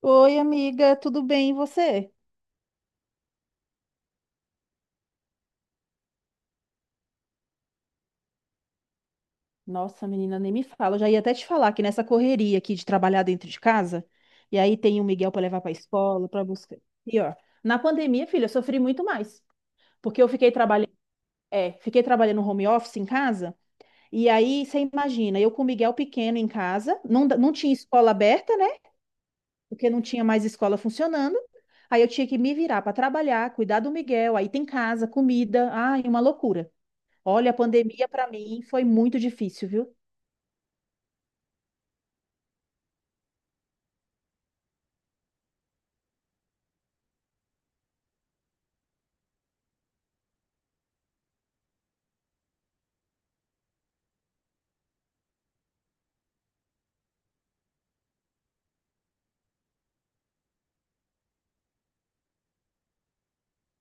Oi, amiga, tudo bem? E você? Nossa, menina, nem me fala. Eu já ia até te falar que nessa correria aqui de trabalhar dentro de casa, e aí tem o Miguel para levar para escola, para buscar. E ó, na pandemia, filha, eu sofri muito mais, porque eu fiquei trabalhando, fiquei trabalhando home office em casa, e aí você imagina, eu com o Miguel pequeno em casa, não, não tinha escola aberta, né? Porque não tinha mais escola funcionando. Aí eu tinha que me virar para trabalhar, cuidar do Miguel, aí tem casa, comida, ai, uma loucura. Olha, a pandemia para mim foi muito difícil, viu?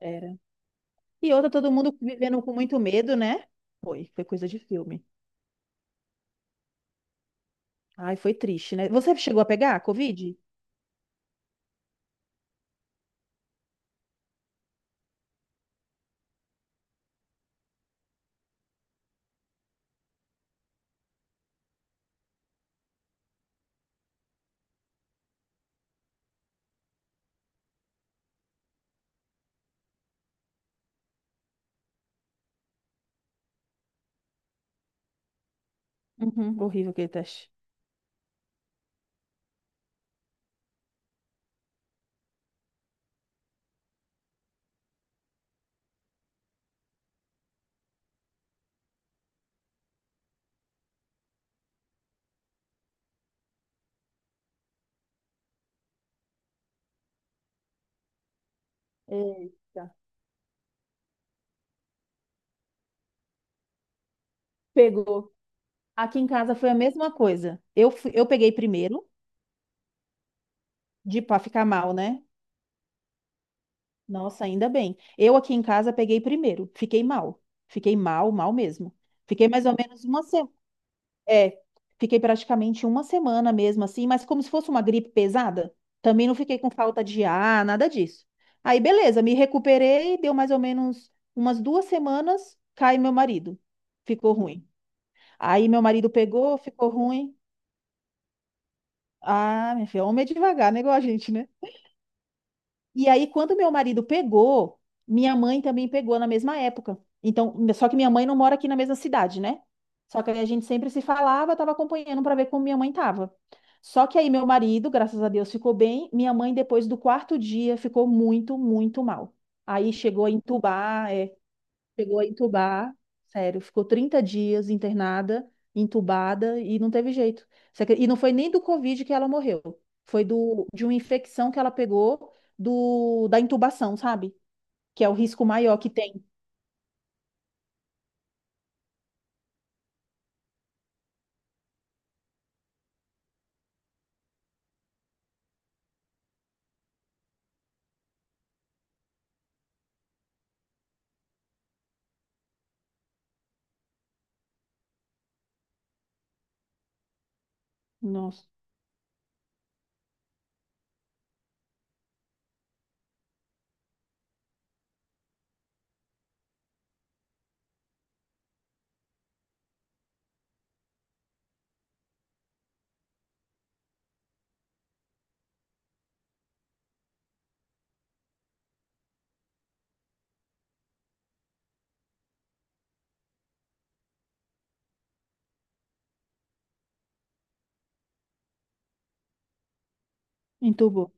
Era. E outra, todo mundo vivendo com muito medo, né? Foi, foi coisa de filme. Ai, foi triste, né? Você chegou a pegar a Covid? Uhum, horrível aquele teste. Eita. Pegou. Aqui em casa foi a mesma coisa. Eu peguei primeiro, de para ficar mal, né? Nossa, ainda bem. Eu aqui em casa peguei primeiro, fiquei mal. Fiquei mal, mal mesmo. Fiquei mais ou menos uma semana. É, fiquei praticamente uma semana mesmo assim, mas como se fosse uma gripe pesada, também não fiquei com falta de ar, nada disso. Aí, beleza, me recuperei, deu mais ou menos umas duas semanas, cai meu marido, ficou ruim. Aí meu marido pegou, ficou ruim. Ah, minha filha, homem é devagar, né, igual a gente, né? E aí, quando meu marido pegou, minha mãe também pegou na mesma época. Então, só que minha mãe não mora aqui na mesma cidade, né? Só que aí a gente sempre se falava, estava acompanhando para ver como minha mãe estava. Só que aí meu marido, graças a Deus, ficou bem. Minha mãe, depois do quarto dia, ficou muito, muito mal. Aí chegou a entubar, chegou a entubar, sério, ficou 30 dias internada, entubada e não teve jeito. E não foi nem do Covid que ela morreu, foi de uma infecção que ela pegou da intubação, sabe? Que é o risco maior que tem. Nossa, entubou.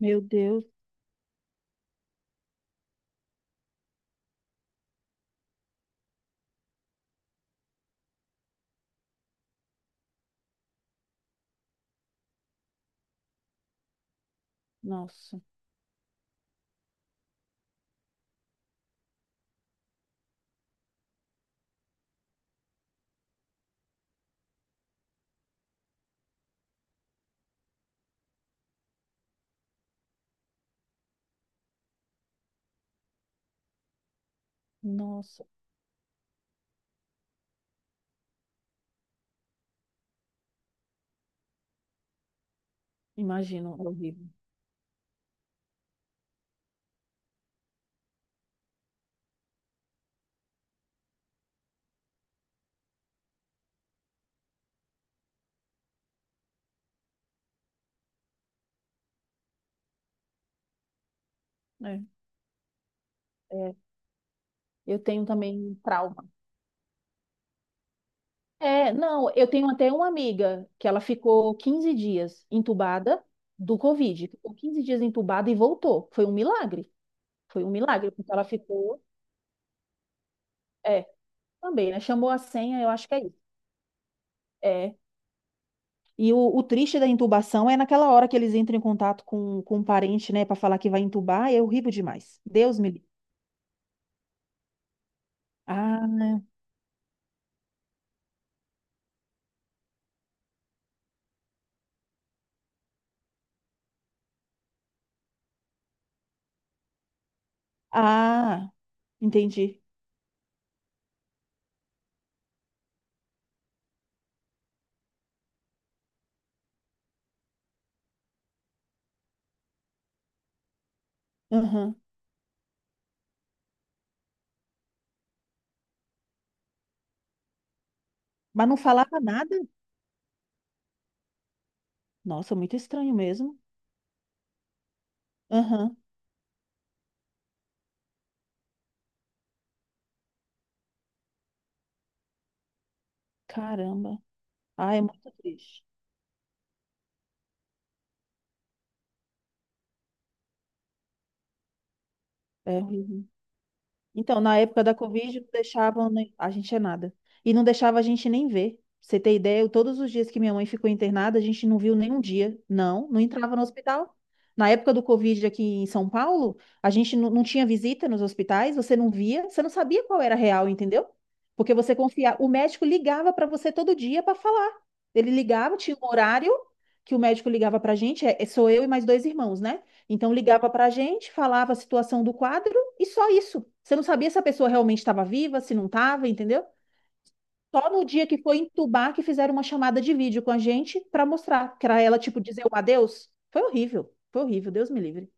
Meu Deus, nossa, nossa, imagino, é horrível. É, é. Eu tenho também trauma. É, não, eu tenho até uma amiga que ela ficou 15 dias entubada do Covid. Ficou 15 dias entubada e voltou. Foi um milagre. Foi um milagre, porque ela ficou. É, também, né? Chamou a senha, eu acho que é isso. É. E o triste da intubação é naquela hora que eles entram em contato com um parente, né, para falar que vai intubar, é horrível demais. Deus me livre. Ah, né? Ah, entendi. Aham. Mas não falava nada? Nossa, muito estranho mesmo. Aham. Caramba. Ah, é muito triste. É horrível. Então, na época da Covid, não deixavam a gente é nada. E não deixava a gente nem ver. Pra Você ter ideia, todos os dias que minha mãe ficou internada, a gente não viu nenhum dia. Não, não entrava no hospital. Na época do Covid aqui em São Paulo, a gente não tinha visita nos hospitais, você não via, você não sabia qual era a real, entendeu? Porque você confiava. O médico ligava para você todo dia para falar. Ele ligava, tinha um horário que o médico ligava para a gente, sou eu e mais dois irmãos, né? Então ligava para a gente, falava a situação do quadro. E só isso. Você não sabia se a pessoa realmente estava viva, se não estava, entendeu? Só no dia que foi entubar que fizeram uma chamada de vídeo com a gente para mostrar, para ela, tipo, dizer o adeus. Foi horrível. Foi horrível, Deus me livre.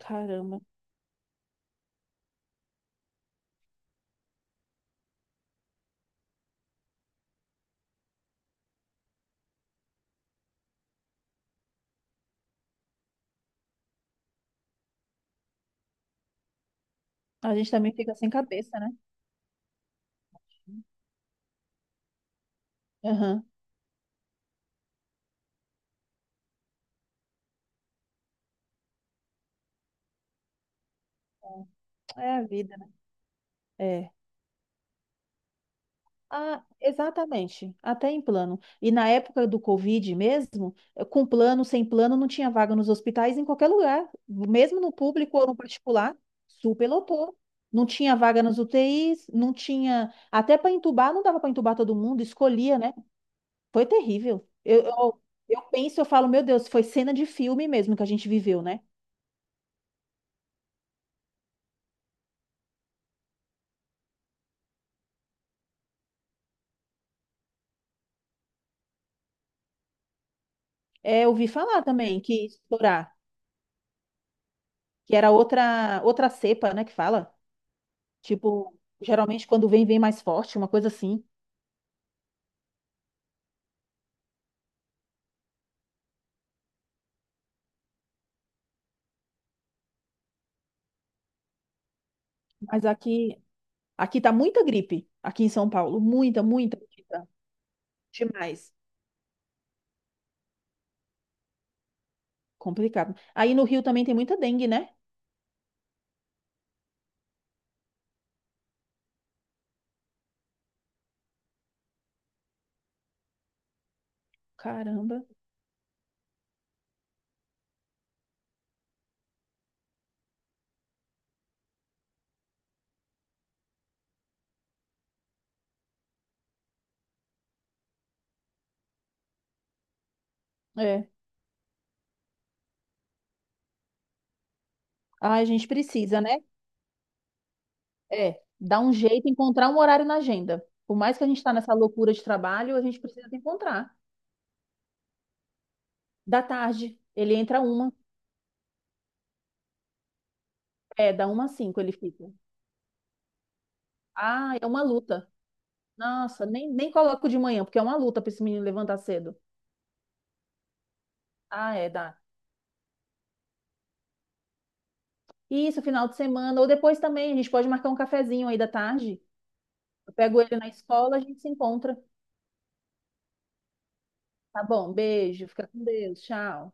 Caramba. A gente também fica sem cabeça, né? Aham. É a vida, né? É. Ah, exatamente, até em plano. E na época do Covid mesmo, com plano, sem plano, não tinha vaga nos hospitais em qualquer lugar, mesmo no público ou no particular, superlotou. Não tinha vaga nas UTIs, não tinha. Até para entubar, não dava para entubar todo mundo, escolhia, né? Foi terrível. Eu penso, eu falo, meu Deus, foi cena de filme mesmo que a gente viveu, né? É, eu ouvi falar também que estourar, que era outra cepa, né, que fala. Tipo, geralmente quando vem, vem mais forte, uma coisa assim. Mas aqui tá muita gripe, aqui em São Paulo. Muita, muita, muita. Demais. Complicado. Aí no Rio também tem muita dengue, né? Caramba. É. Ah, a gente precisa, né? É. Dar um jeito, encontrar um horário na agenda. Por mais que a gente tá nessa loucura de trabalho, a gente precisa de encontrar. Da tarde, ele entra uma. É, da uma às cinco ele fica. Ah, é uma luta. Nossa, nem coloco de manhã, porque é uma luta pra esse menino levantar cedo. Ah, é, dá. Isso, final de semana. Ou depois também, a gente pode marcar um cafezinho aí da tarde. Eu pego ele na escola, a gente se encontra. Tá bom, beijo, fica com Deus, tchau.